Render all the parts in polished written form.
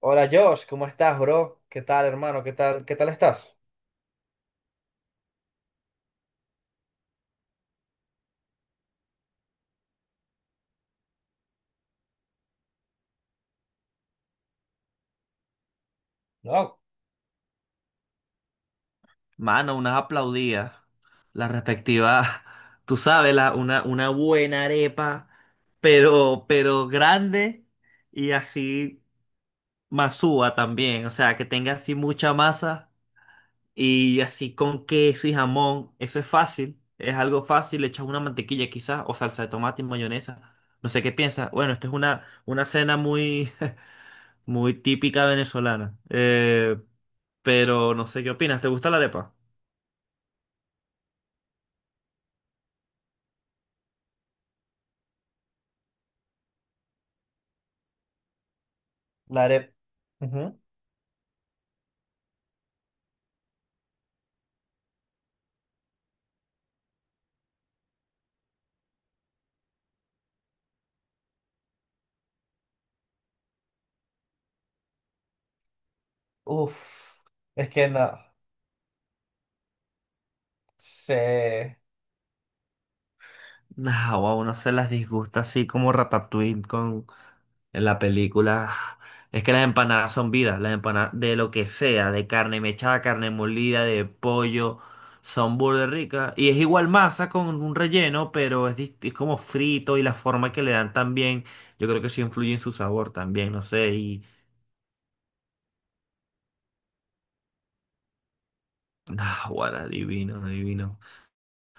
Hola Josh, ¿cómo estás, bro? ¿Qué tal, hermano? ¿Qué tal? ¿Qué tal estás? No. Mano, unas aplaudidas. La respectiva, tú sabes, una buena arepa, pero grande y así masúa también. O sea, que tenga así mucha masa y así con queso y jamón. Eso es fácil, es algo fácil. Le echas una mantequilla quizás o salsa de tomate y mayonesa. No sé qué piensas. Bueno, esto es una cena muy, muy típica venezolana. Pero no sé qué opinas. ¿Te gusta la arepa? La arepa. Uf, es que no sé. Nah, a uno se las disgusta así como Ratatouille con en la película. Es que las empanadas son vidas, las empanadas de lo que sea, de carne mechada, carne molida, de pollo, son burda ricas. Y es igual masa con un relleno, pero es como frito y la forma que le dan también, yo creo que sí influye en su sabor también, no sé, y. Ah, guara, divino, divino.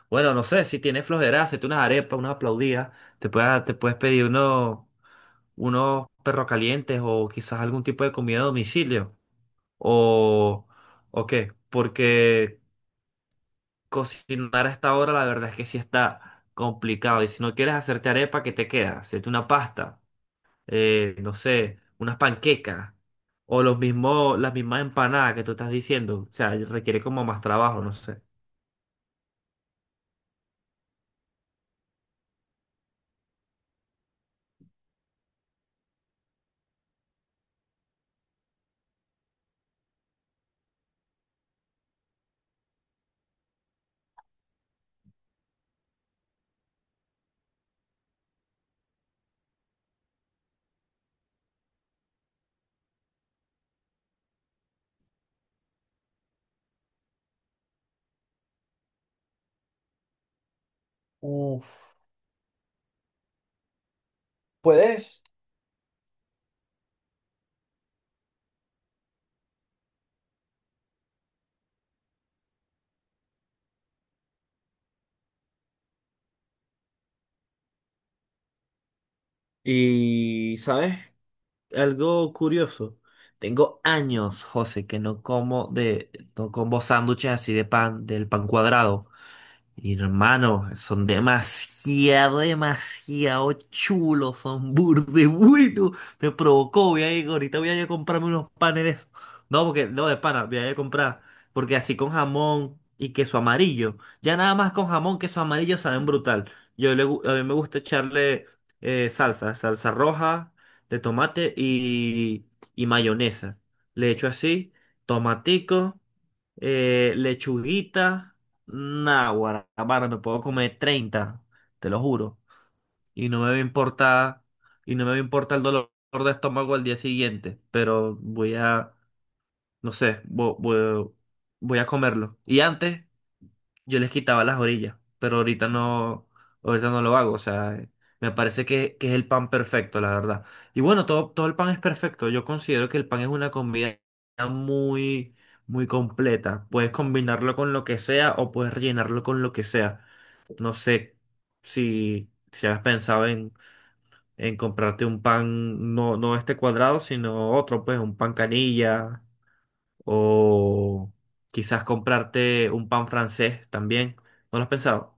Bueno, no sé, si tienes flojera, hacete unas arepas, una aplaudida, te puedes pedir unos perros calientes o quizás algún tipo de comida a domicilio o, o qué, Porque cocinar a esta hora la verdad es que sí está complicado y si no quieres hacerte arepa, ¿qué te queda? Hacerte una pasta, no sé, unas panquecas o las mismas empanadas que tú estás diciendo, o sea, requiere como más trabajo, no sé. Mm. Puedes. Y, ¿sabes?, algo curioso. Tengo años, José, que no como sándwiches así de pan, del pan cuadrado. Hermano, son demasiado, demasiado chulos, son burde buenos. Me provocó, ahorita voy a ir a comprarme unos panes de esos. No, porque, no, de pana, voy a ir a comprar. Porque así con jamón y queso amarillo. Ya nada más con jamón, queso amarillo saben brutal. A mí me gusta echarle salsa roja de tomate y mayonesa. Le echo así, tomatico, lechuguita. Nah, mano, me puedo comer 30, te lo juro. Y no me va a importar, y no me va a importar el dolor de estómago al día siguiente, pero voy a, no sé, voy, a comerlo. Y antes yo les quitaba las orillas, pero ahorita no lo hago, o sea, me parece que es el pan perfecto, la verdad. Y bueno, todo el pan es perfecto. Yo considero que el pan es una comida muy, muy completa. Puedes combinarlo con lo que sea o puedes rellenarlo con lo que sea. No sé si has pensado en comprarte un pan, no, no este cuadrado, sino otro, pues un pan canilla o quizás comprarte un pan francés también. ¿No lo has pensado?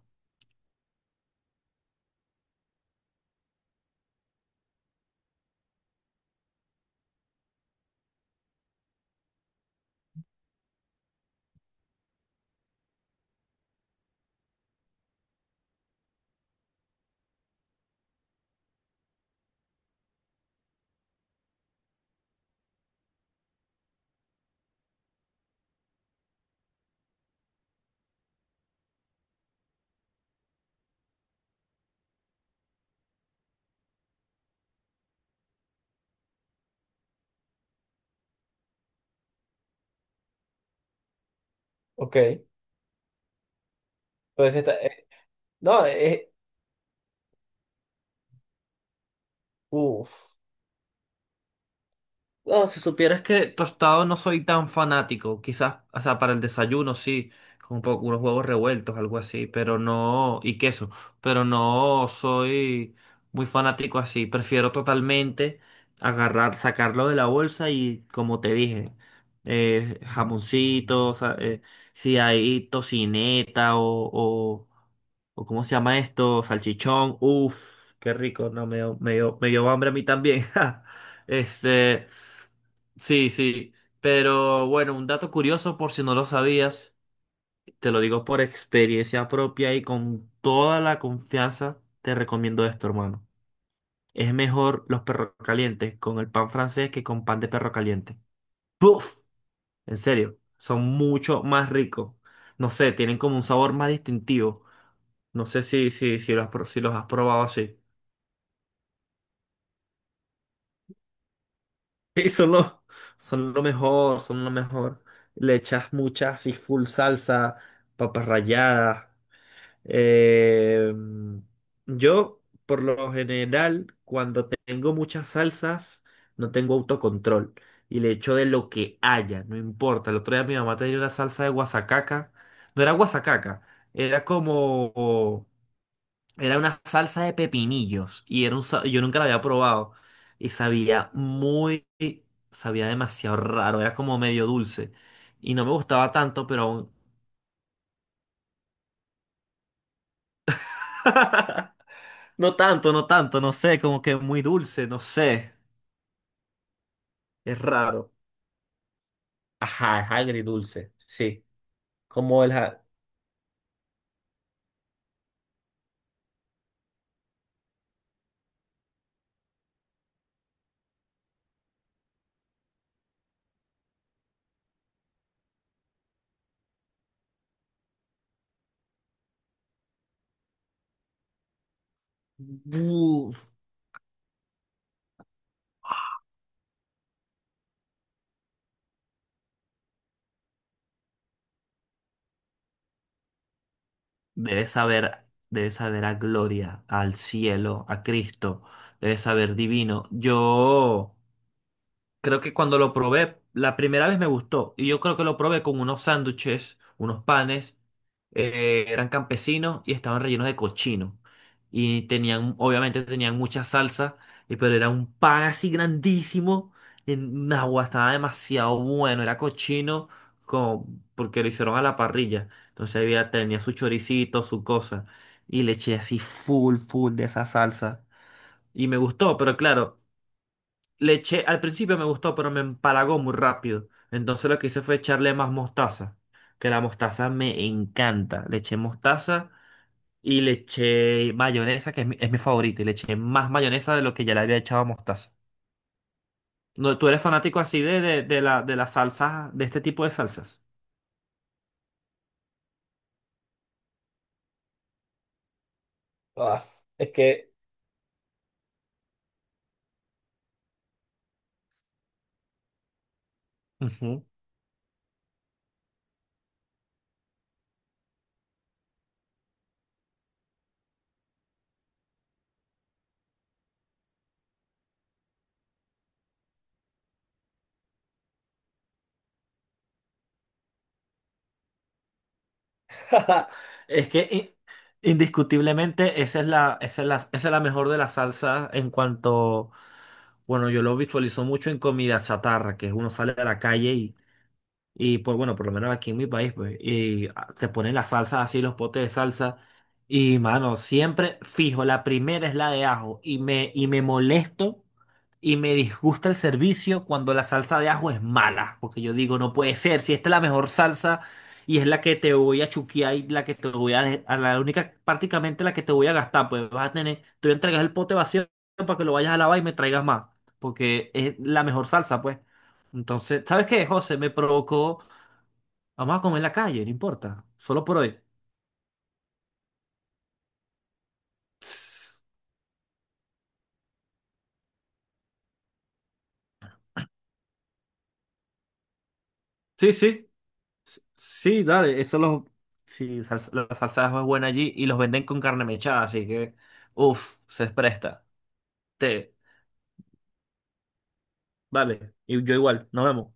Ok, pues que está, no, es. Oh, si supieras que tostado no soy tan fanático, quizás, o sea, para el desayuno sí, con un poco unos huevos revueltos, algo así, pero no, y queso, pero no soy muy fanático así, prefiero totalmente agarrar, sacarlo de la bolsa y como te dije, jamoncito, o eh, si hay tocineta o, o, o ¿cómo se llama esto? Salchichón, uff, qué rico, no, me dio hambre a mí también. Este, sí, sí. Pero bueno, un dato curioso por si no lo sabías, te lo digo por experiencia propia y con toda la confianza, te recomiendo esto, hermano. Es mejor los perros calientes con el pan francés que con pan de perro caliente. ¡Puf! En serio, son mucho más ricos. No sé, tienen como un sabor más distintivo. No sé si los has probado así. Sí, son lo mejor, son lo mejor. Le echas mucha así full salsa, papas ralladas. Eh, yo, por lo general, cuando tengo muchas salsas, no tengo autocontrol. Y le echo de lo que haya, no importa. El otro día mi mamá tenía una salsa de guasacaca. No era guasacaca, era como era una salsa de pepinillos y era yo nunca la había probado y sabía demasiado raro, era como medio dulce y no me gustaba tanto, pero aún. No tanto, no tanto, no sé, como que muy dulce, no sé, es raro. Ajá, es agridulce, sí. Como el, ja-. Buf. Debe saber, debe saber a gloria, al cielo, a Cristo, debe saber divino. Yo. Creo que cuando lo probé, la primera vez me gustó. Y yo creo que lo probé con unos sándwiches, unos panes. Eran campesinos y estaban rellenos de cochino. Y obviamente tenían mucha salsa, pero era un pan así grandísimo. En agua estaba demasiado bueno, era cochino como porque lo hicieron a la parrilla. Entonces tenía su choricito, su cosa. Y le eché así full, full de esa salsa. Y me gustó, pero claro. Al principio me gustó, pero me empalagó muy rápido. Entonces lo que hice fue echarle más mostaza, que la mostaza me encanta. Le eché mostaza y le eché mayonesa, que es mi favorita, y le eché más mayonesa de lo que ya le había echado mostaza. No, ¿tú eres fanático así de las salsas, de este tipo de salsas? Ah, es que ujú. Es que indiscutiblemente esa es la mejor de las salsas en cuanto. Bueno, yo lo visualizo mucho en comida chatarra, que uno sale a la calle y, pues bueno, por lo menos aquí en mi país, pues, y te ponen las salsas así, los potes de salsa. Y mano, siempre fijo, la primera es la de ajo. me molesto y me disgusta el servicio cuando la salsa de ajo es mala. Porque yo digo, no puede ser, si esta es la mejor salsa y es la que te voy a chuquear y la que te voy a la única, prácticamente la que te voy a gastar, pues te voy a entregar el pote vacío para que lo vayas a lavar y me traigas más. Porque es la mejor salsa, pues. Entonces, ¿sabes qué, José? Me provocó. Vamos a comer en la calle, no importa. Solo por hoy. Ps, Sí, sí. Sí, dale. Eso los. Sí, la salsa de ajo es buena allí y los venden con carne mechada, así que. Uf, se presta. Te. Vale. Y yo igual. Nos vemos.